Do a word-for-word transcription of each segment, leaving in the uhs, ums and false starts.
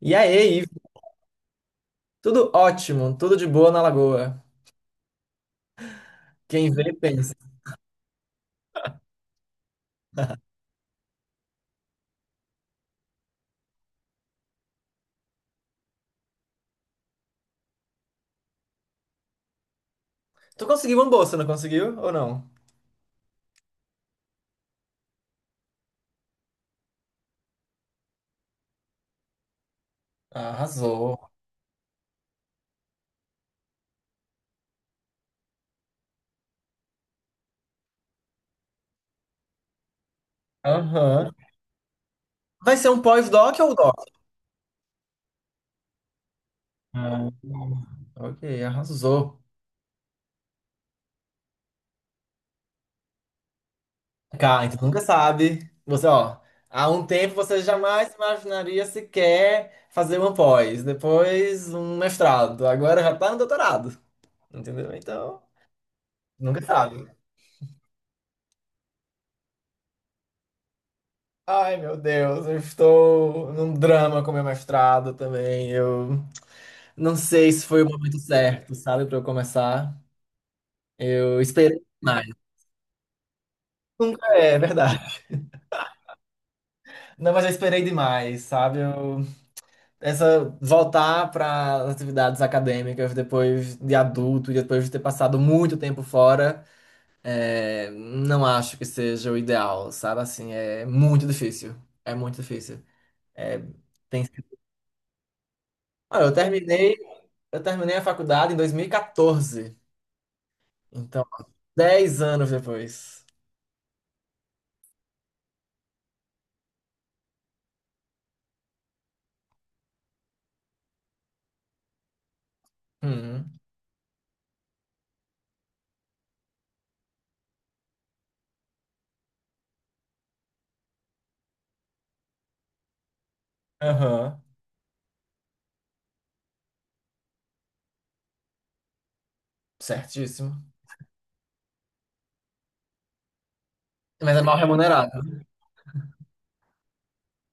E aí, Ivo? Tudo ótimo, tudo de boa na Lagoa. Quem vê, pensa. Tu conseguiu uma bolsa, não conseguiu ou não? Arrasou. Aham. Vai ser um pós-doc ou um doc? Ah, ok, arrasou. Cara, então nunca sabe. Você, ó, há um tempo você jamais imaginaria sequer fazer uma pós, depois um mestrado, agora já tá no doutorado, entendeu? Então, nunca sabe. Ai, meu Deus, eu estou num drama com meu mestrado também. Eu não sei se foi o momento certo, sabe, para eu começar. Eu esperei demais. Nunca é, é verdade. Não, mas eu esperei demais, sabe? Eu, essa voltar para as atividades acadêmicas depois de adulto e depois de ter passado muito tempo fora, é, não acho que seja o ideal, sabe? Assim, é muito difícil. É muito difícil. É, tem... Ah, eu terminei, eu terminei a faculdade em dois mil e quatorze. Então, dez anos depois. Uhum. Aham. Certíssimo. Mas é mal remunerado.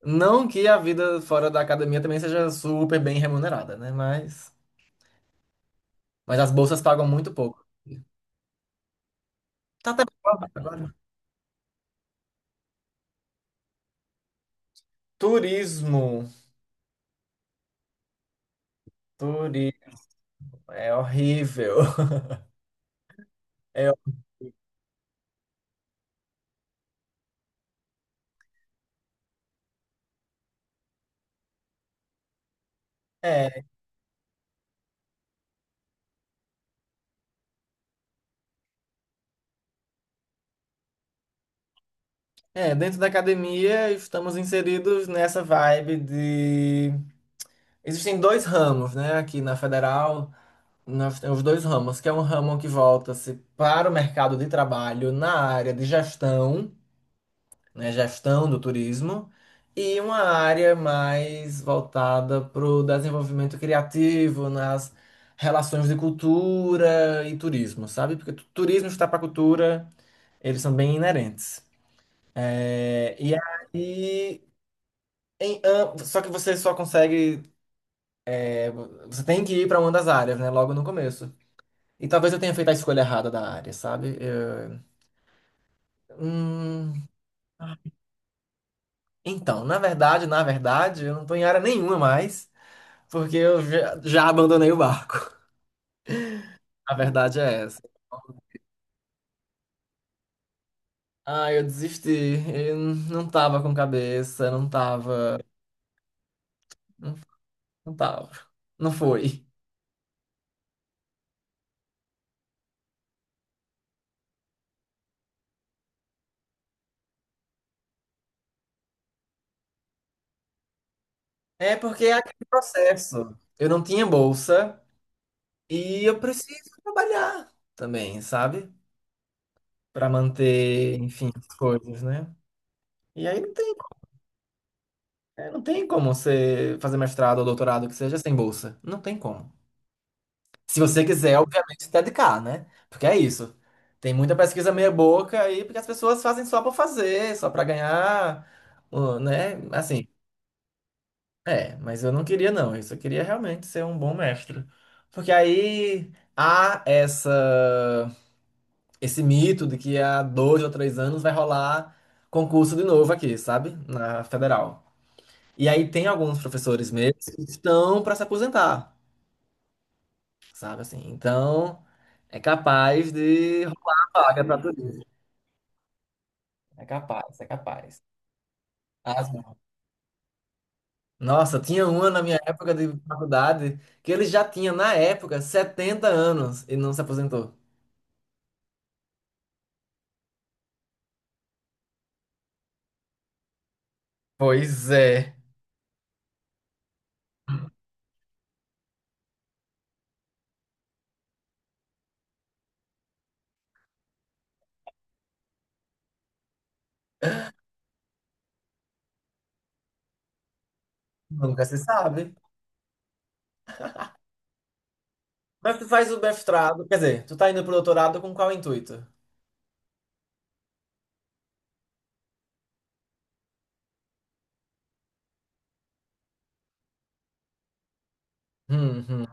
Não que a vida fora da academia também seja super bem remunerada, né? Mas, mas as bolsas pagam muito pouco. Tá até bom agora. Turismo. Turismo. É horrível. É, é, é, dentro da academia estamos inseridos nessa vibe de. Existem dois ramos, né? Aqui na Federal, nós temos dois ramos, que é um ramo que volta-se para o mercado de trabalho na área de gestão, né, gestão do turismo, e uma área mais voltada para o desenvolvimento criativo, nas relações de cultura e turismo, sabe? Porque tu- turismo está para cultura, eles são bem inerentes. É, e aí, em am- só que você só consegue, é, você tem que ir para uma das áreas, né, logo no começo. E talvez eu tenha feito a escolha errada da área, sabe? Eu- hum, então, na verdade, na verdade, eu não estou em área nenhuma mais. Porque eu já, já abandonei o barco. A verdade é essa. Ah, eu desisti. Eu não tava com cabeça, não tava. Não, não tava. Não foi. É porque é aquele processo. Eu não tinha bolsa e eu preciso trabalhar também, sabe? Pra manter, enfim, as coisas, né? E aí não tem, é, não tem como você fazer mestrado ou doutorado que seja sem bolsa. Não tem como. Se você quiser, obviamente, se dedicar, né? Porque é isso. Tem muita pesquisa meia-boca aí, porque as pessoas fazem só pra fazer, só pra ganhar, uh, né? Assim, é, mas eu não queria, não. Isso eu só queria realmente ser um bom mestre. Porque aí há essa, esse mito de que há dois ou três anos vai rolar concurso de novo aqui, sabe? Na federal. E aí tem alguns professores mesmo que estão pra se aposentar. Sabe assim? Então, é capaz de rolar a vaga para tudo. É capaz, é capaz. Ah, sim. Nossa, tinha uma na minha época de faculdade que ele já tinha, na época, setenta anos e não se aposentou. Pois é. Nunca se sabe. Mas tu faz o mestrado, quer dizer, tu tá indo pro doutorado com qual intuito? Hum, hum.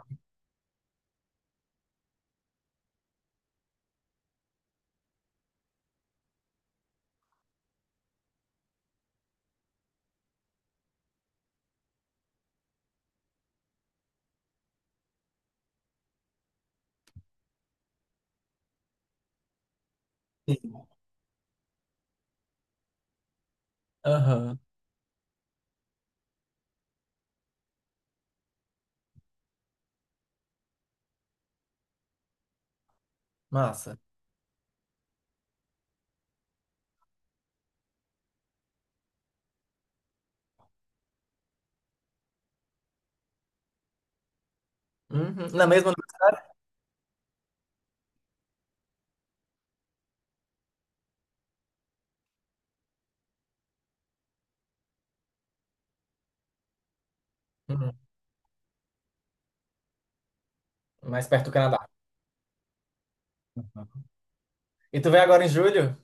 Aham. Massa. Uhum. Na mesma. Uhum. Mais perto do Canadá. E tu vem agora em julho?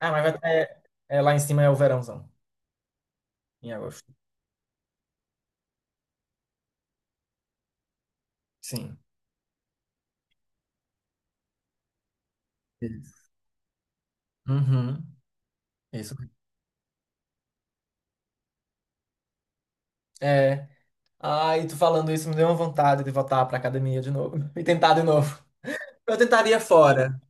Ah, mas vai ter, é, lá em cima é o verãozão, em agosto. Sim. Isso. Uhum. Isso. É. Ai, tu falando isso me deu uma vontade de voltar pra academia de novo e tentar de novo. Eu tentaria fora.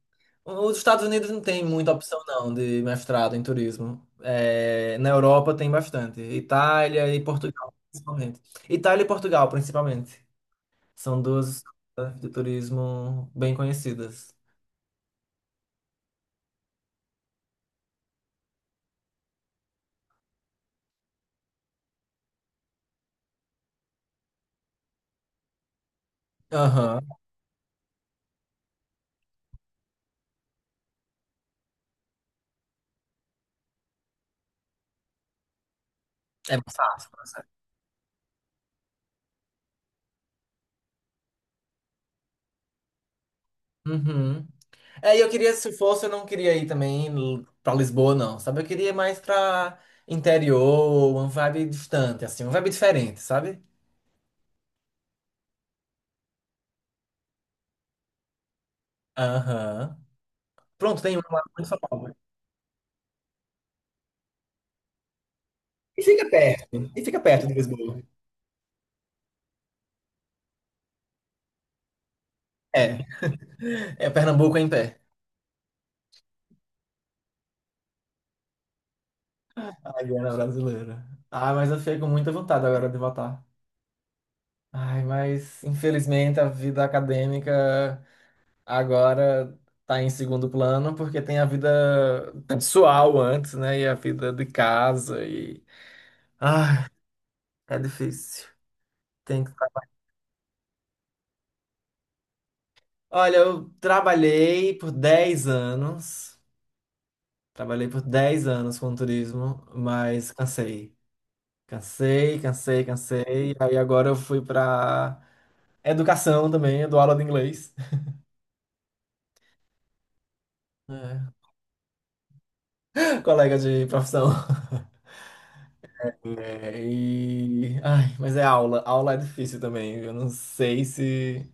Os Estados Unidos não tem muita opção, não, de mestrado em turismo. É, na Europa tem bastante. Itália e Portugal, principalmente. Itália e Portugal, principalmente. São duas escolas de turismo bem conhecidas. Aham. É mais fácil. Uhum. É, e eu queria, se fosse, eu não queria ir também l- pra Lisboa, não, sabe? Eu queria ir mais pra interior, uma vibe distante, assim, uma vibe diferente, sabe? Aham. Pronto, tem uma lá muito famosa. E fica perto, e fica perto de Lisboa. É, é, Pernambuco é em pé. A Guiana brasileira. Ah, mas eu fiquei com muita vontade agora de votar. Ai, mas infelizmente a vida acadêmica agora tá em segundo plano porque tem a vida pessoal antes, né? E a vida de casa e ai, é difícil. Tem que... Olha, eu trabalhei por dez anos, trabalhei por dez anos com turismo, mas cansei. Cansei, cansei, cansei. Aí agora eu fui pra educação também, eu dou aula de inglês. É. Colega de profissão. É, e... Ai, mas é aula. Aula é difícil também. Eu não sei se.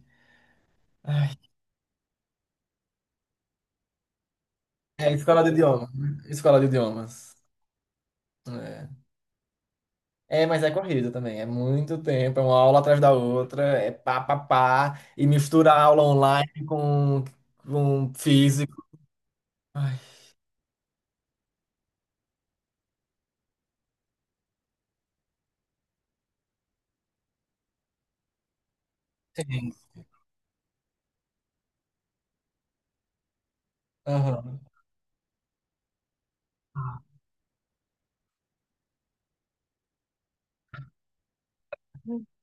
É, escola de idiomas, né? Escola de idiomas. É. É, mas é corrida também. É muito tempo, é uma aula atrás da outra, é pá, pá, pá, e mistura a aula online com, com físico. Ai, sim. Aham.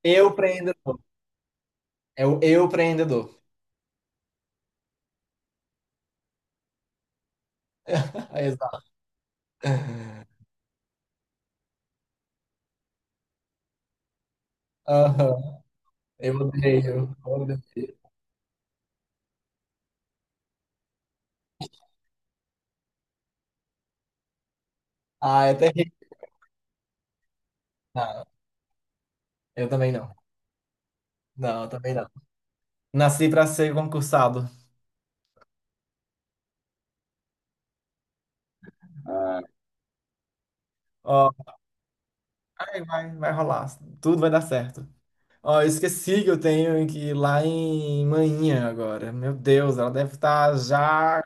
Eu prendedor. É o eu preendedor. Exato. Aham. Eu odeio, odeio. Ah, é terrível. Não, eu também não. Não, eu também não. Nasci pra ser concursado. Ah. Ó, vai, vai, vai rolar. Tudo vai dar certo. Ó, eu esqueci que eu tenho que ir lá em Manhã agora. Meu Deus, ela deve estar já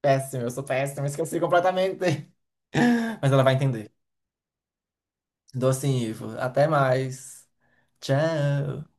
péssima. Eu sou péssima, esqueci completamente. Mas ela vai entender. Docinho, Ivo. Até mais. Tchau.